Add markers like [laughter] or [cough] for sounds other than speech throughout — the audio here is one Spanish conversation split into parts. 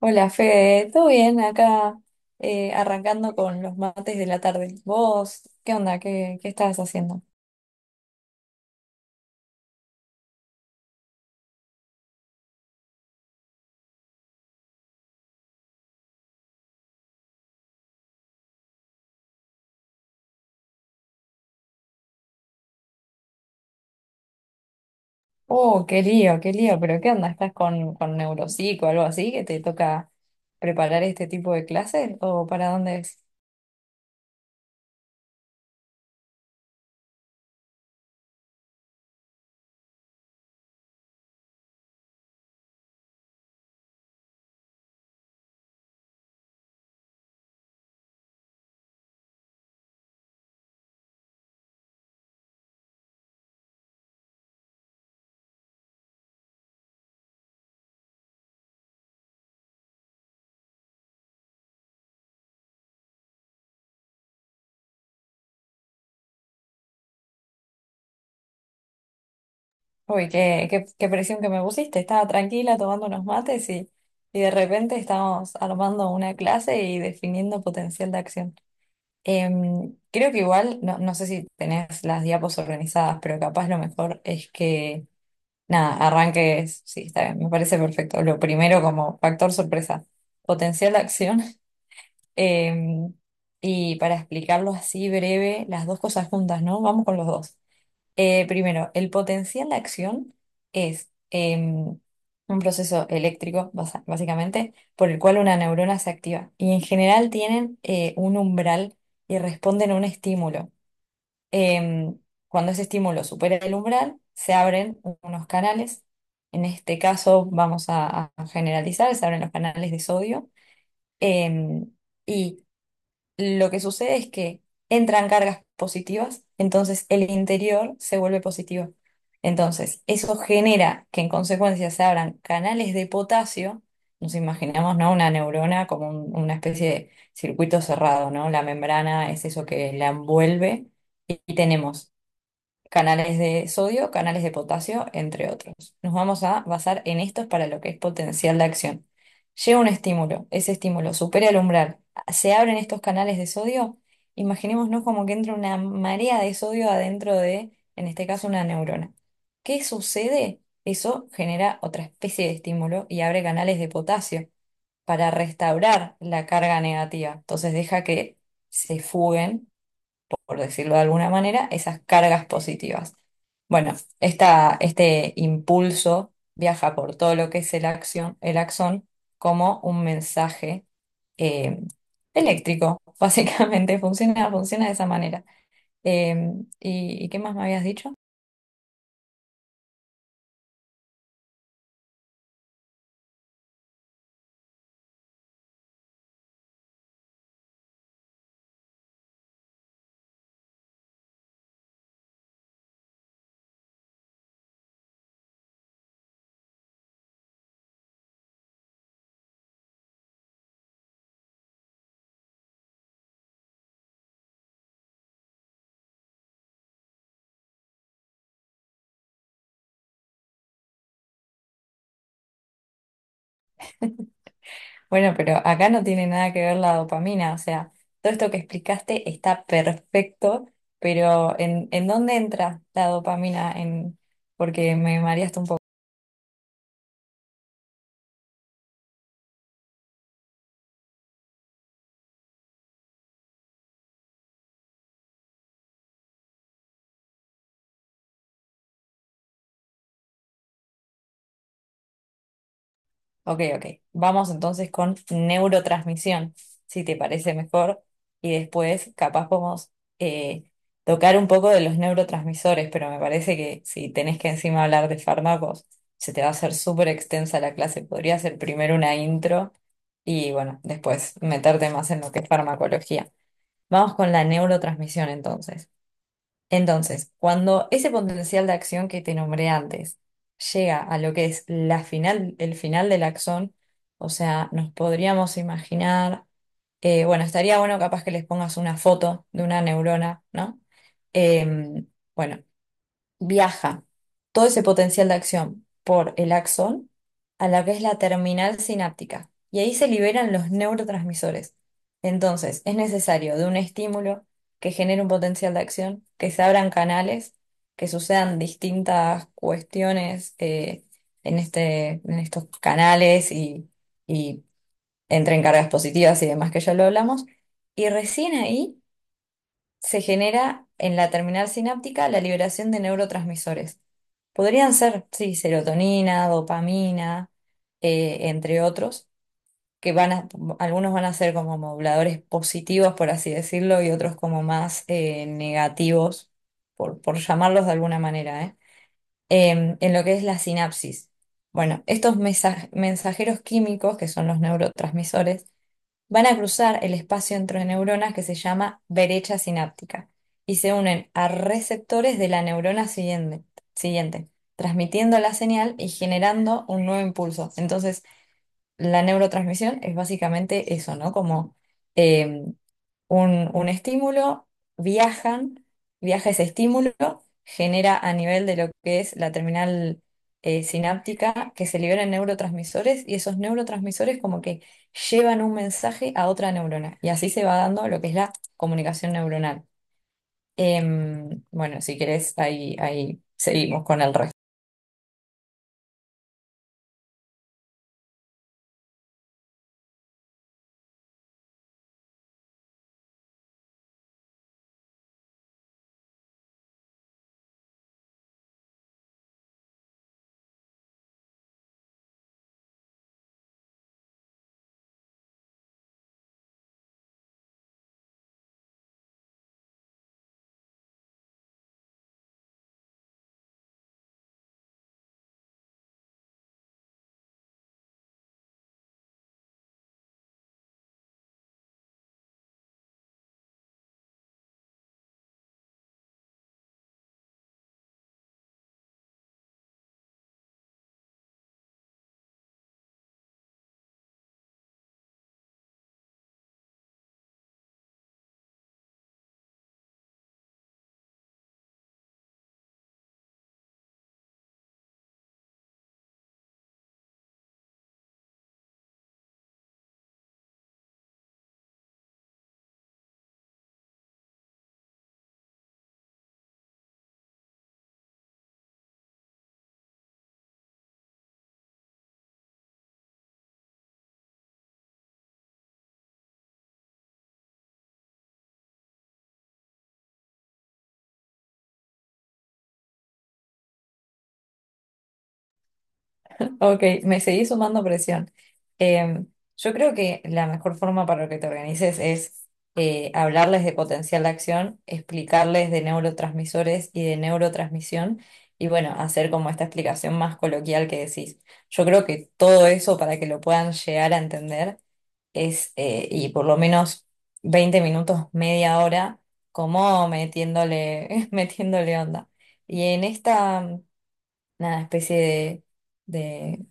Hola Fede, ¿todo bien? Acá arrancando con los mates de la tarde. ¿Vos qué onda? ¿Qué estabas haciendo? Oh, qué lío, pero ¿qué onda? ¿Estás con neuropsico o algo así que te toca preparar este tipo de clases? ¿O para dónde es? Uy, qué presión que me pusiste. Estaba tranquila tomando unos mates y de repente estamos armando una clase y definiendo potencial de acción. Creo que igual, no, no sé si tenés las diapos organizadas, pero capaz lo mejor es que, nada, arranques, sí, está bien, me parece perfecto. Lo primero como factor sorpresa, potencial de acción. [laughs] em, y para explicarlo así breve, las dos cosas juntas, ¿no? Vamos con los dos. Primero, el potencial de acción es un proceso eléctrico, básicamente, por el cual una neurona se activa. Y en general tienen un umbral y responden a un estímulo. Em, Cuando ese estímulo supera el umbral, se abren unos canales. En este caso, vamos a generalizar, se abren los canales de sodio. Em, Y lo que sucede es que entran cargas positivas, entonces el interior se vuelve positivo. Entonces, eso genera que en consecuencia se abran canales de potasio. Nos imaginamos, ¿no? Una neurona como una especie de circuito cerrado, ¿no? La membrana es eso que la envuelve y tenemos canales de sodio, canales de potasio, entre otros. Nos vamos a basar en estos para lo que es potencial de acción. Llega un estímulo, ese estímulo supera el umbral, se abren estos canales de sodio, imaginémonos como que entra una marea de sodio adentro de, en este caso, una neurona. ¿Qué sucede? Eso genera otra especie de estímulo y abre canales de potasio para restaurar la carga negativa. Entonces deja que se fuguen, por decirlo de alguna manera, esas cargas positivas. Bueno, esta, este impulso viaja por todo lo que es el acción, el axón como un mensaje eh, eléctrico, [laughs] básicamente funciona de esa manera. Eh, ¿Y, y qué más me habías dicho? Bueno, pero acá no tiene nada que ver la dopamina, o sea, todo esto que explicaste está perfecto, pero en dónde entra la dopamina? En, porque me mareaste un poco. Ok, ok. Vamos entonces con neurotransmisión, si te parece mejor. Y después capaz podemos eh, tocar un poco de los neurotransmisores, pero me parece que si tenés que encima hablar de fármacos, se te va a hacer súper extensa la clase. Podría ser primero una intro y bueno, después meterte más en lo que es farmacología. Vamos con la neurotransmisión entonces. Entonces, cuando ese potencial de acción que te nombré antes llega a lo que es la final, el final del axón, o sea, nos podríamos imaginar, bueno, estaría bueno capaz que les pongas una foto de una neurona, ¿no? Em, bueno, viaja todo ese potencial de acción por el axón a la que es la terminal sináptica y ahí se liberan los neurotransmisores. Entonces, es necesario de un estímulo que genere un potencial de acción, que se abran canales, que sucedan distintas cuestiones en este, en estos canales y entren cargas positivas y demás que ya lo hablamos. Y recién ahí se genera en la terminal sináptica la liberación de neurotransmisores. Podrían ser, sí, serotonina, dopamina, entre otros, que van a, algunos van a ser como moduladores positivos, por así decirlo, y otros como más negativos, por llamarlos de alguna manera, ¿eh? En lo que es la sinapsis. Bueno, estos mensajeros químicos, que son los neurotransmisores, van a cruzar el espacio entre neuronas que se llama brecha sináptica y se unen a receptores de la neurona siguiente, transmitiendo la señal y generando un nuevo impulso. Entonces, la neurotransmisión es básicamente eso, ¿no? Como eh, un estímulo, viajan, viaja ese estímulo, genera a nivel de lo que es la terminal sináptica que se liberan neurotransmisores y esos neurotransmisores como que llevan un mensaje a otra neurona y así se va dando lo que es la comunicación neuronal. Bueno, si querés, ahí, ahí seguimos con el resto. Ok, me seguís sumando presión. Eh, yo creo que la mejor forma para que te organices es hablarles de potencial de acción, explicarles de neurotransmisores y de neurotransmisión, y bueno, hacer como esta explicación más coloquial que decís. Yo creo que todo eso para que lo puedan llegar a entender es, y por lo menos 20 minutos, media hora, como metiéndole, [laughs] metiéndole onda. Y en esta una especie de,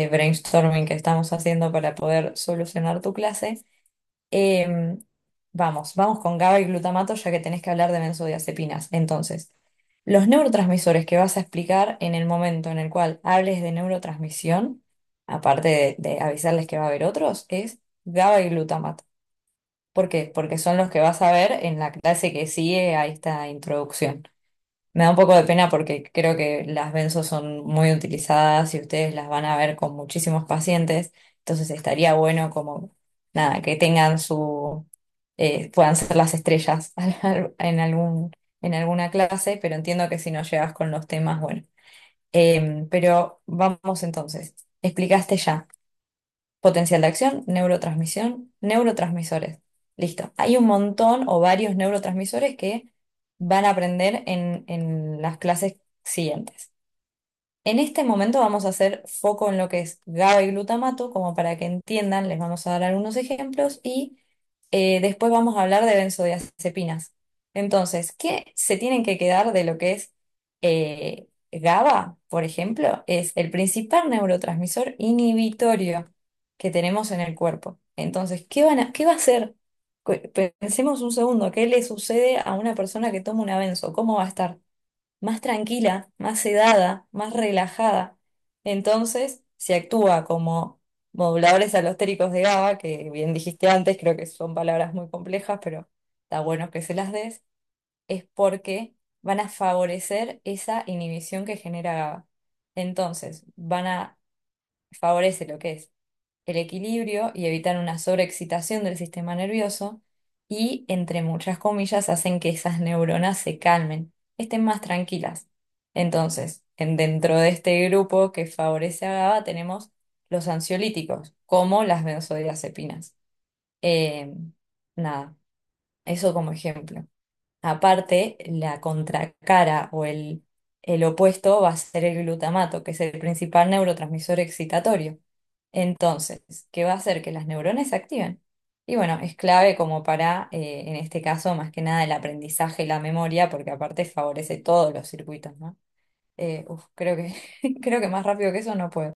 de brainstorming que estamos haciendo para poder solucionar tu clase. Eh, vamos con GABA y glutamato ya que tenés que hablar de benzodiazepinas. Entonces, los neurotransmisores que vas a explicar en el momento en el cual hables de neurotransmisión, aparte de avisarles que va a haber otros, es GABA y glutamato. ¿Por qué? Porque son los que vas a ver en la clase que sigue a esta introducción. Me da un poco de pena porque creo que las benzo son muy utilizadas y ustedes las van a ver con muchísimos pacientes, entonces estaría bueno como, nada, que tengan su, puedan ser las estrellas [laughs] en algún, en alguna clase, pero entiendo que si no llegas con los temas, bueno. Pero vamos entonces, explicaste ya. Potencial de acción, neurotransmisión, neurotransmisores. Listo. Hay un montón o varios neurotransmisores que van a aprender en las clases siguientes. En este momento vamos a hacer foco en lo que es GABA y glutamato, como para que entiendan, les vamos a dar algunos ejemplos y después vamos a hablar de benzodiazepinas. Entonces, ¿qué se tienen que quedar de lo que es GABA, por ejemplo? Es el principal neurotransmisor inhibitorio que tenemos en el cuerpo. Entonces, ¿qué va a hacer? Cu- Pensemos un segundo, ¿qué le sucede a una persona que toma un benzo? ¿Cómo va a estar? Más tranquila, más sedada, más relajada. Entonces, si actúa como moduladores alostéricos de GABA, que bien dijiste antes, creo que son palabras muy complejas, pero está bueno que se las des, es porque van a favorecer esa inhibición que genera GABA. Entonces, van a favorecer lo que es el equilibrio y evitan una sobreexcitación del sistema nervioso y, entre muchas comillas, hacen que esas neuronas se calmen, estén más tranquilas. Entonces, dentro de este grupo que favorece a GABA tenemos los ansiolíticos, como las benzodiazepinas. Eh, nada, eso como ejemplo. Aparte, la contracara o el opuesto va a ser el glutamato, que es el principal neurotransmisor excitatorio. Entonces, ¿qué va a hacer? Que las neuronas se activen. Y bueno, es clave como para, en este caso, más que nada el aprendizaje y la memoria, porque aparte favorece todos los circuitos, ¿no? Uf, creo que, [laughs] creo que más rápido que eso no puedo.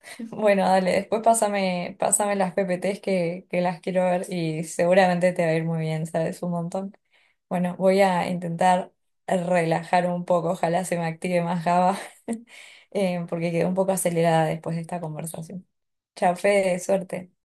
[laughs] Bueno, dale, pásame las PPTs que las quiero ver y seguramente te va a ir muy bien, sabes un montón. Bueno, voy a intentar relajar un poco, ojalá se me active más Java, [laughs] porque quedé un poco acelerada después de esta conversación. Chafe, suerte.